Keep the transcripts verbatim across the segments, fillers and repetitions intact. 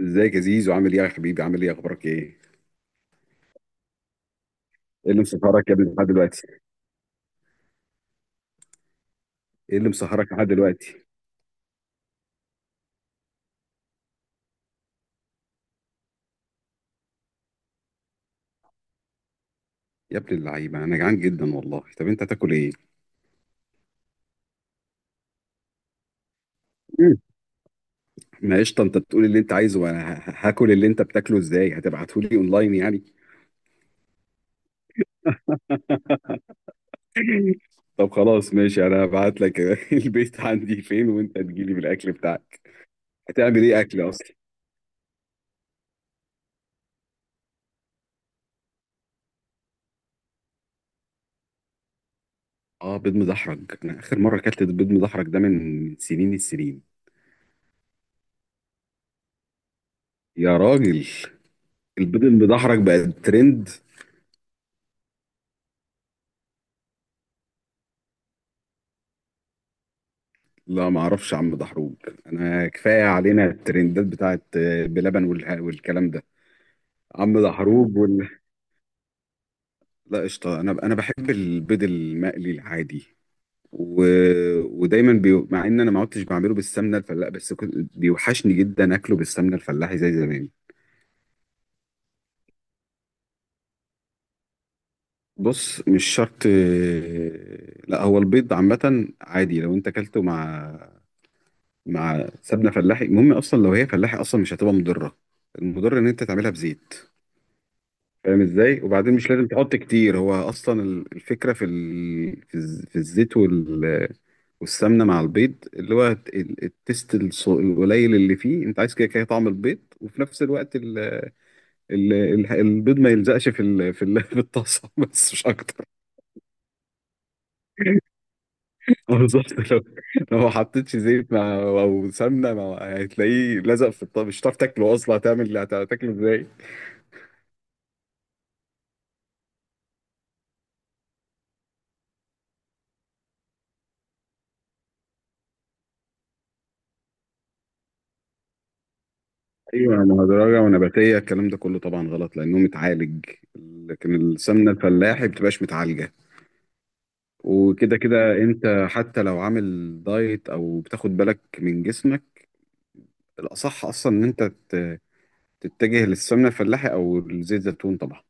ازيك يا زيزو، عامل ايه يا حبيبي؟ عامل ايه؟ اخبارك ايه؟ ايه اللي مسهرك يا ابني لحد دلوقتي؟ ايه اللي مسهرك لحد دلوقتي؟ يا ابن اللعيبه انا جعان جدا والله. طب انت هتاكل ايه؟ مم. ما قشطه، انت بتقول اللي انت عايزه وانا ه- هاكل اللي انت بتاكله. ازاي هتبعته لي اونلاين يعني؟ طب خلاص ماشي، انا هبعت لك البيت عندي فين وانت تجيلي بالاكل بتاعك. هتعمل ايه اكل اصلا؟ اه بيض مدحرج، انا اخر مره اكلت بيض مدحرج ده من سنين السنين. يا راجل، البيض المدحرج بقى ترند؟ لا ما اعرفش يا عم دحروج. انا كفايه علينا الترندات بتاعت آه، بلبن والح- والكلام ده. عم دحروج وال... لا قشطه، انا انا بحب البيض المقلي العادي. و... ودايما بي... مع ان انا ما عدتش بعمله بالسمنه الفلاحي، بس كنت بيوحشني جدا اكله بالسمنه الفلاحي زي زمان. بص، مش شرط. لا هو البيض عامه عادي لو انت اكلته مع مع سمنه فلاحي. المهم، اصلا لو هي فلاحي اصلا مش هتبقى مضره، المضر ان انت تعملها بزيت. فاهم ازاي؟ وبعدين مش لازم تحط كتير، هو اصلا ال- الفكره في ال... في الز- في الزيت وال... والسمنه مع البيض، اللي هو الت- ال- التست الص- القليل اللي فيه. انت عايز كده كده طعم البيض، وفي نفس الوقت ال... ال... ال- البيض ما يلزقش في ال... في, ال... في الطاسه، بس مش اكتر. اه بالظبط، لو لو ما حطيتش زيت مع او سمنه مع، هتلاقيه لزق في الطاسه، مش هتعرف تاكله اصلا. هتعمل هتاكله ازاي؟ ايوه، مهدرجه ونباتيه، الكلام ده كله طبعا غلط لانه متعالج. لكن السمنه الفلاحي بتبقاش متعالجه، وكده كده انت حتى لو عامل دايت او بتاخد بالك من جسمك، الاصح اصلا ان انت ت- تتجه للسمنه الفلاحي او لزيت زيتون طبعا.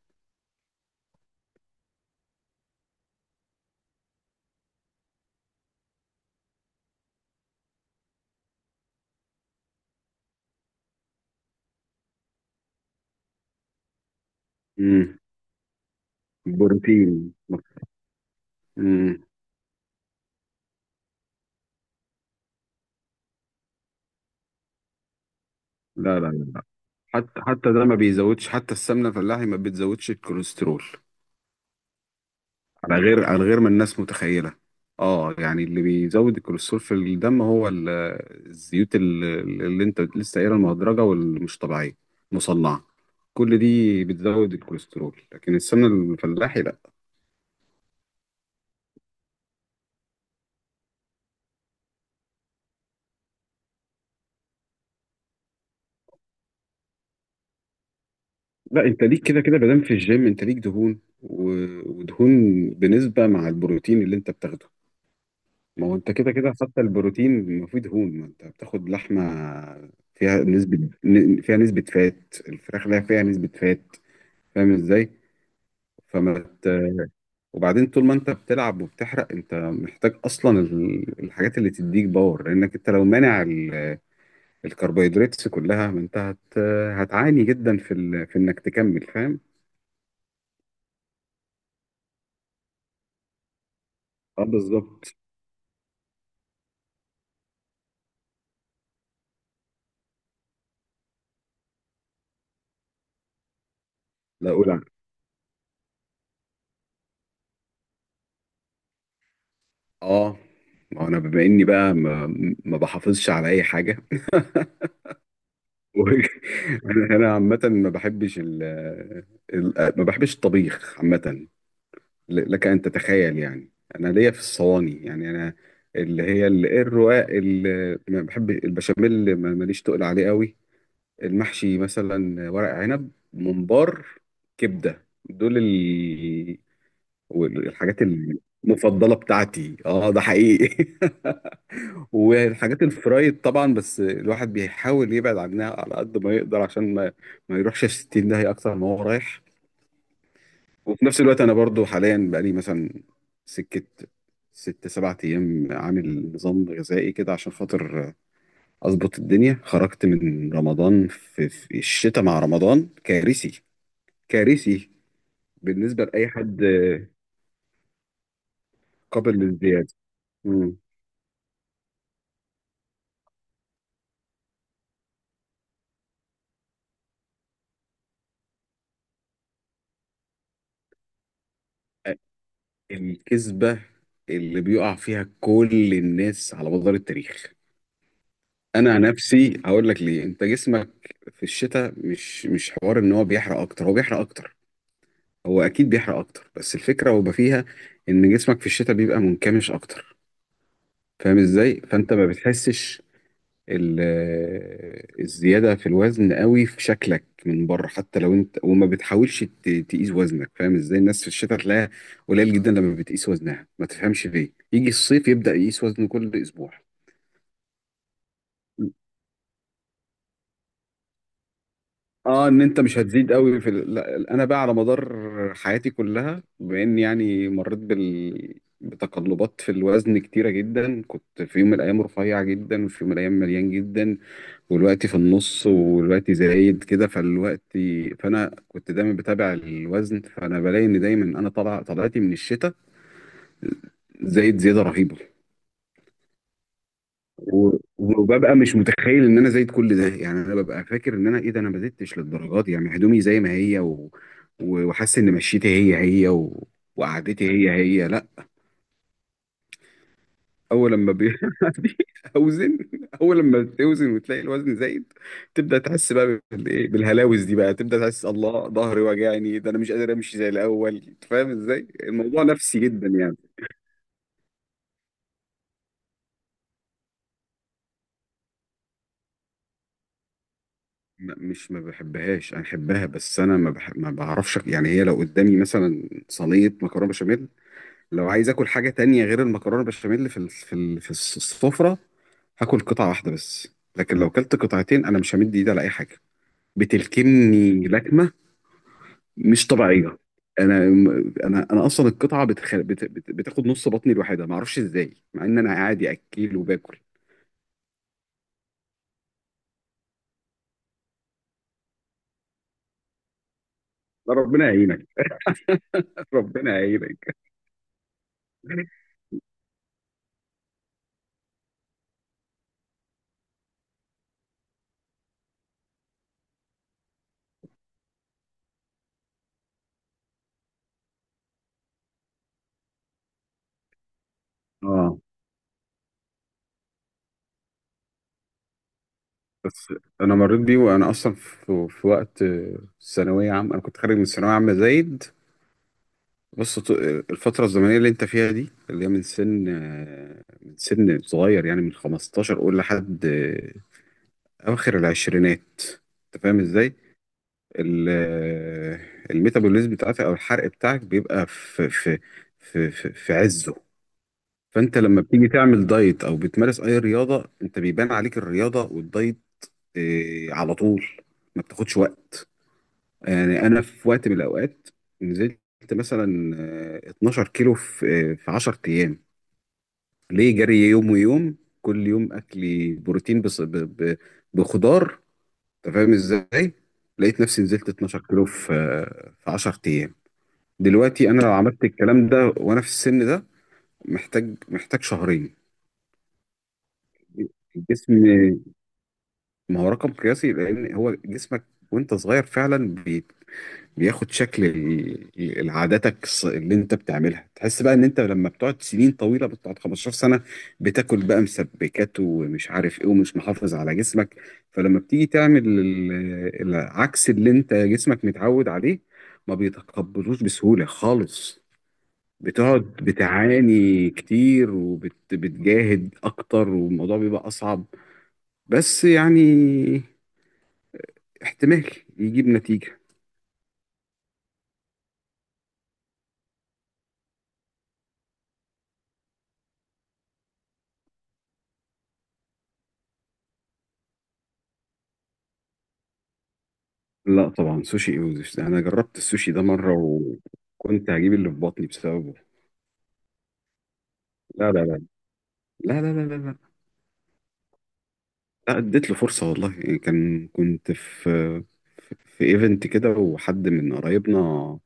امم. بروتين. امم. لا لا لا لا. حتى حتى ده ما بيزودش، حتى السمنه الفلاحي ما بتزودش الكوليسترول، على غير على غير ما الناس متخيلة. اه يعني اللي بيزود الكوليسترول في الدم هو ال- الزيوت ال- اللي انت لسه قايلها، المهدرجة والمش طبيعية، مصنعة. كل دي بتزود الكوليسترول، لكن السمنة الفلاحي لا. لا انت ليك كده كده، مادام في الجيم انت ليك دهون و- ودهون بنسبة مع البروتين اللي انت بتاخده. ما هو انت كده كده، حتى البروتين ما فيه دهون، ما انت بتاخد لحمة فيها نسبة ن- فيها نسبة فات. الفراخ لا فيها نسبة فات. فاهم ازاي؟ فما ت... وبعدين طول ما انت بتلعب وبتحرق، انت محتاج اصلا ال- الحاجات اللي تديك باور، لانك انت لو مانع ال- الكربوهيدرات كلها ما انت هت... هتعاني جدا في ال... في انك تكمل. فاهم؟ اه بالظبط. لا اقول عن- اه، ما انا بما اني بقى ما, ما بحافظش على اي حاجه. و- انا أنا عامه ما بحبش ال... ال... ما بحبش الطبيخ عامه. ل- لك أن تتخيل يعني، أنا ليا في الصواني، يعني أنا، اللي هي ال- الرقاق، اللي ما بحب البشاميل، ما- ماليش تقل عليه قوي. المحشي مثلا، ورق عنب، ممبار، كبدة، دول ال... والحاجات المفضلة بتاعتي، اه ده حقيقي. والحاجات الفرايد طبعا، بس الواحد بيحاول يبعد عنها على قد ما يقدر عشان ما, ما يروحش الستين ده، هي أكتر ما هو رايح. وفي نفس الوقت انا برضو حاليا بقالي مثلا سكه ست سبعة ايام عامل نظام غذائي كده عشان خاطر اظبط الدنيا. خرجت من رمضان في, في الشتاء، مع رمضان كارثي، كارثي بالنسبه لاي حد، قابل للزياده. مم. الكذبه اللي بيقع فيها كل الناس على مدار التاريخ، انا نفسي هقول لك ليه. انت جسمك في الشتاء، مش مش حوار ان هو بيحرق اكتر، هو بيحرق اكتر، هو اكيد بيحرق اكتر، بس الفكره هو بقى فيها ان جسمك في الشتاء بيبقى منكمش اكتر. فاهم ازاي؟ فانت ما بتحسش ال- آه، الزياده في الوزن قوي في شكلك من بره، حتى لو انت وما بتحاولش ت- تقيس وزنك. فاهم ازاي؟ الناس في الشتاء تلاقيها قليل جدا لما بتقيس وزنها، ما تفهمش ليه. يجي الصيف يبدا يقيس وزنه كل اسبوع. اه، ان انت مش هتزيد قوي في ال... لا انا بقى على مدار حياتي كلها، بما اني يعني مريت بال... بتقلبات في الوزن كتيره جدا، كنت في يوم من الايام رفيع جدا وفي يوم من الايام مليان جدا، والوقت في النص والوقت زايد كده. فالوقت، فانا كنت دايما بتابع الوزن، فانا بلاقي ان دايما انا طلع طلعتي من الشتاء زايد زياده رهيبه. و- وببقى مش متخيل ان انا زايد كل ده، يعني انا ببقى فاكر ان انا ايه ده، انا ما زدتش للدرجات دي، يعني هدومي زي ما هي و... و- وحاسس ان مشيتي هي هي و... وقعدتي هي هي. لا، اول لما بيعدي اوزن، اول لما بتوزن وتلاقي الوزن زايد، تبدا تحس بقى بال... إيه؟ بالهلاوس دي بقى، تبدا تحس الله ظهري وجعني، ده انا مش قادر امشي زي الاول. أنت فاهم ازاي؟ الموضوع نفسي جدا يعني. م- مش ما بحبهاش، انا بحبها، بس انا ما بح... ما بعرفش يعني، هي لو قدامي مثلا صينيه مكرونه بشاميل، لو عايز اكل حاجه تانية غير المكرونه بشاميل في ال... في ال... في الس- السفره، هاكل قطعه واحده بس. لكن لو كلت قطعتين انا مش همد ايدي على اي حاجه، بتلكمني لكمه مش طبيعيه. انا انا انا اصلا القطعه بتخ... بت... بت... بتاخد نص بطني لوحدها، ما اعرفش ازاي، مع ان انا عادي اكيل وباكل. ربنا يعينك. ربنا يعينك. اه، بس انا مريت بيه وانا اصلا في, في وقت آه، ثانويه عامه، انا كنت خارج من ثانويه عامه زايد. بص، ط- الفتره الزمنيه اللي انت فيها دي، اللي هي من سن آه، من سن صغير، يعني من خمسة عشر قول لحد آه، اواخر العشرينات. انت فاهم ازاي؟ ال- آه، الميتابوليزم بتاعتك او الحرق بتاعك بيبقى في في في في, في عزه. فانت لما بتيجي تعمل دايت او بتمارس اي رياضه، انت بيبان عليك الرياضه والدايت آه، على طول، ما بتاخدش وقت. يعني انا في وقت من الاوقات نزلت مثلا آه، اتناشر كيلو في آه، في عشر ايام، ليه؟ جري يوم ويوم، كل يوم اكلي بروتين، بص ب... ب... بخضار. انت فاهم ازاي؟ لقيت نفسي نزلت اتناشر كيلو في آه، في عشر ايام. دلوقتي انا لو عملت الكلام ده وانا في السن ده، محتاج محتاج شهرين. الجسم، ما هو رقم قياسي لان هو جسمك وانت صغير فعلا بياخد شكل ال- ال- عاداتك الص- اللي انت بتعملها. تحس بقى ان انت لما بتقعد سنين طويله، بتقعد خمسة عشر سنه بتاكل بقى مسبكات ومش عارف ايه، ومش محافظ على جسمك، فلما بتيجي تعمل ال- العكس اللي انت جسمك متعود عليه، ما بيتقبلوش بسهوله خالص. بتقعد بتعاني كتير وبتجاهد اكتر، والموضوع بيبقى اصعب، بس يعني احتمال يجيب نتيجه. لا طبعا، سوشي انجلش ده انا جربت السوشي ده مره وكنت هجيب اللي في بطني بسببه. لا لا لا لا لا لا لا لا. لا، اديت له فرصه والله، يعني كان، كنت في في ايفنت كده، وحد من قرايبنا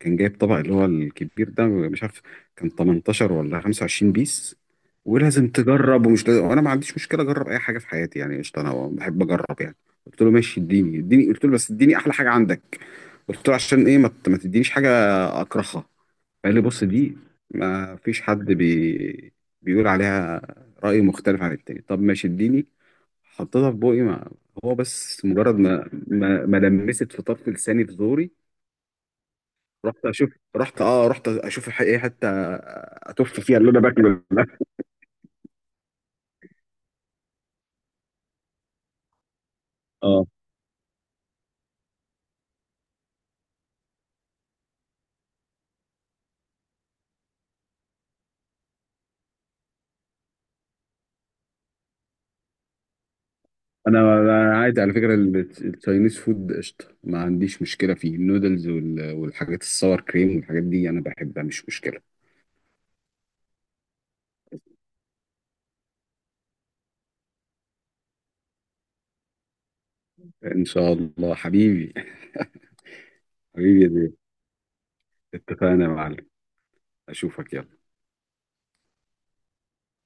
كان جايب طبق اللي هو الكبير ده، مش عارف كان تمنتاشر ولا خمسة وعشرين بيس، ولازم تجرب ومش لازم، وانا ما عنديش مشكله اجرب اي حاجه في حياتي، يعني قشطه، انا بحب اجرب يعني. قلت له ماشي، اديني اديني قلت له بس اديني احلى حاجه عندك. قلت له عشان ايه ما ت- ما تدينيش حاجه اكرهها. قال لي بص دي ما فيش حد بي... بيقول عليها رأي مختلف عن التاني. طب ماشي، اديني. حطيتها في بوقي، ما هو بس مجرد ما ما, ما لمست في طرف لساني في زوري، رحت اشوف، رحت اه رحت اشوف الح- ايه حتى اتف فيها اللي انا باكله ده. اه، انا أنا عادي على فكره ال- التشاينيز فود قشطه، ما عنديش مشكله فيه، النودلز وال- والحاجات الساور كريم والحاجات دي انا بحبها، مش مشكله. ان شاء الله حبيبي، حبيبي يا زين، اتفقنا يا معلم، اشوفك، يلا.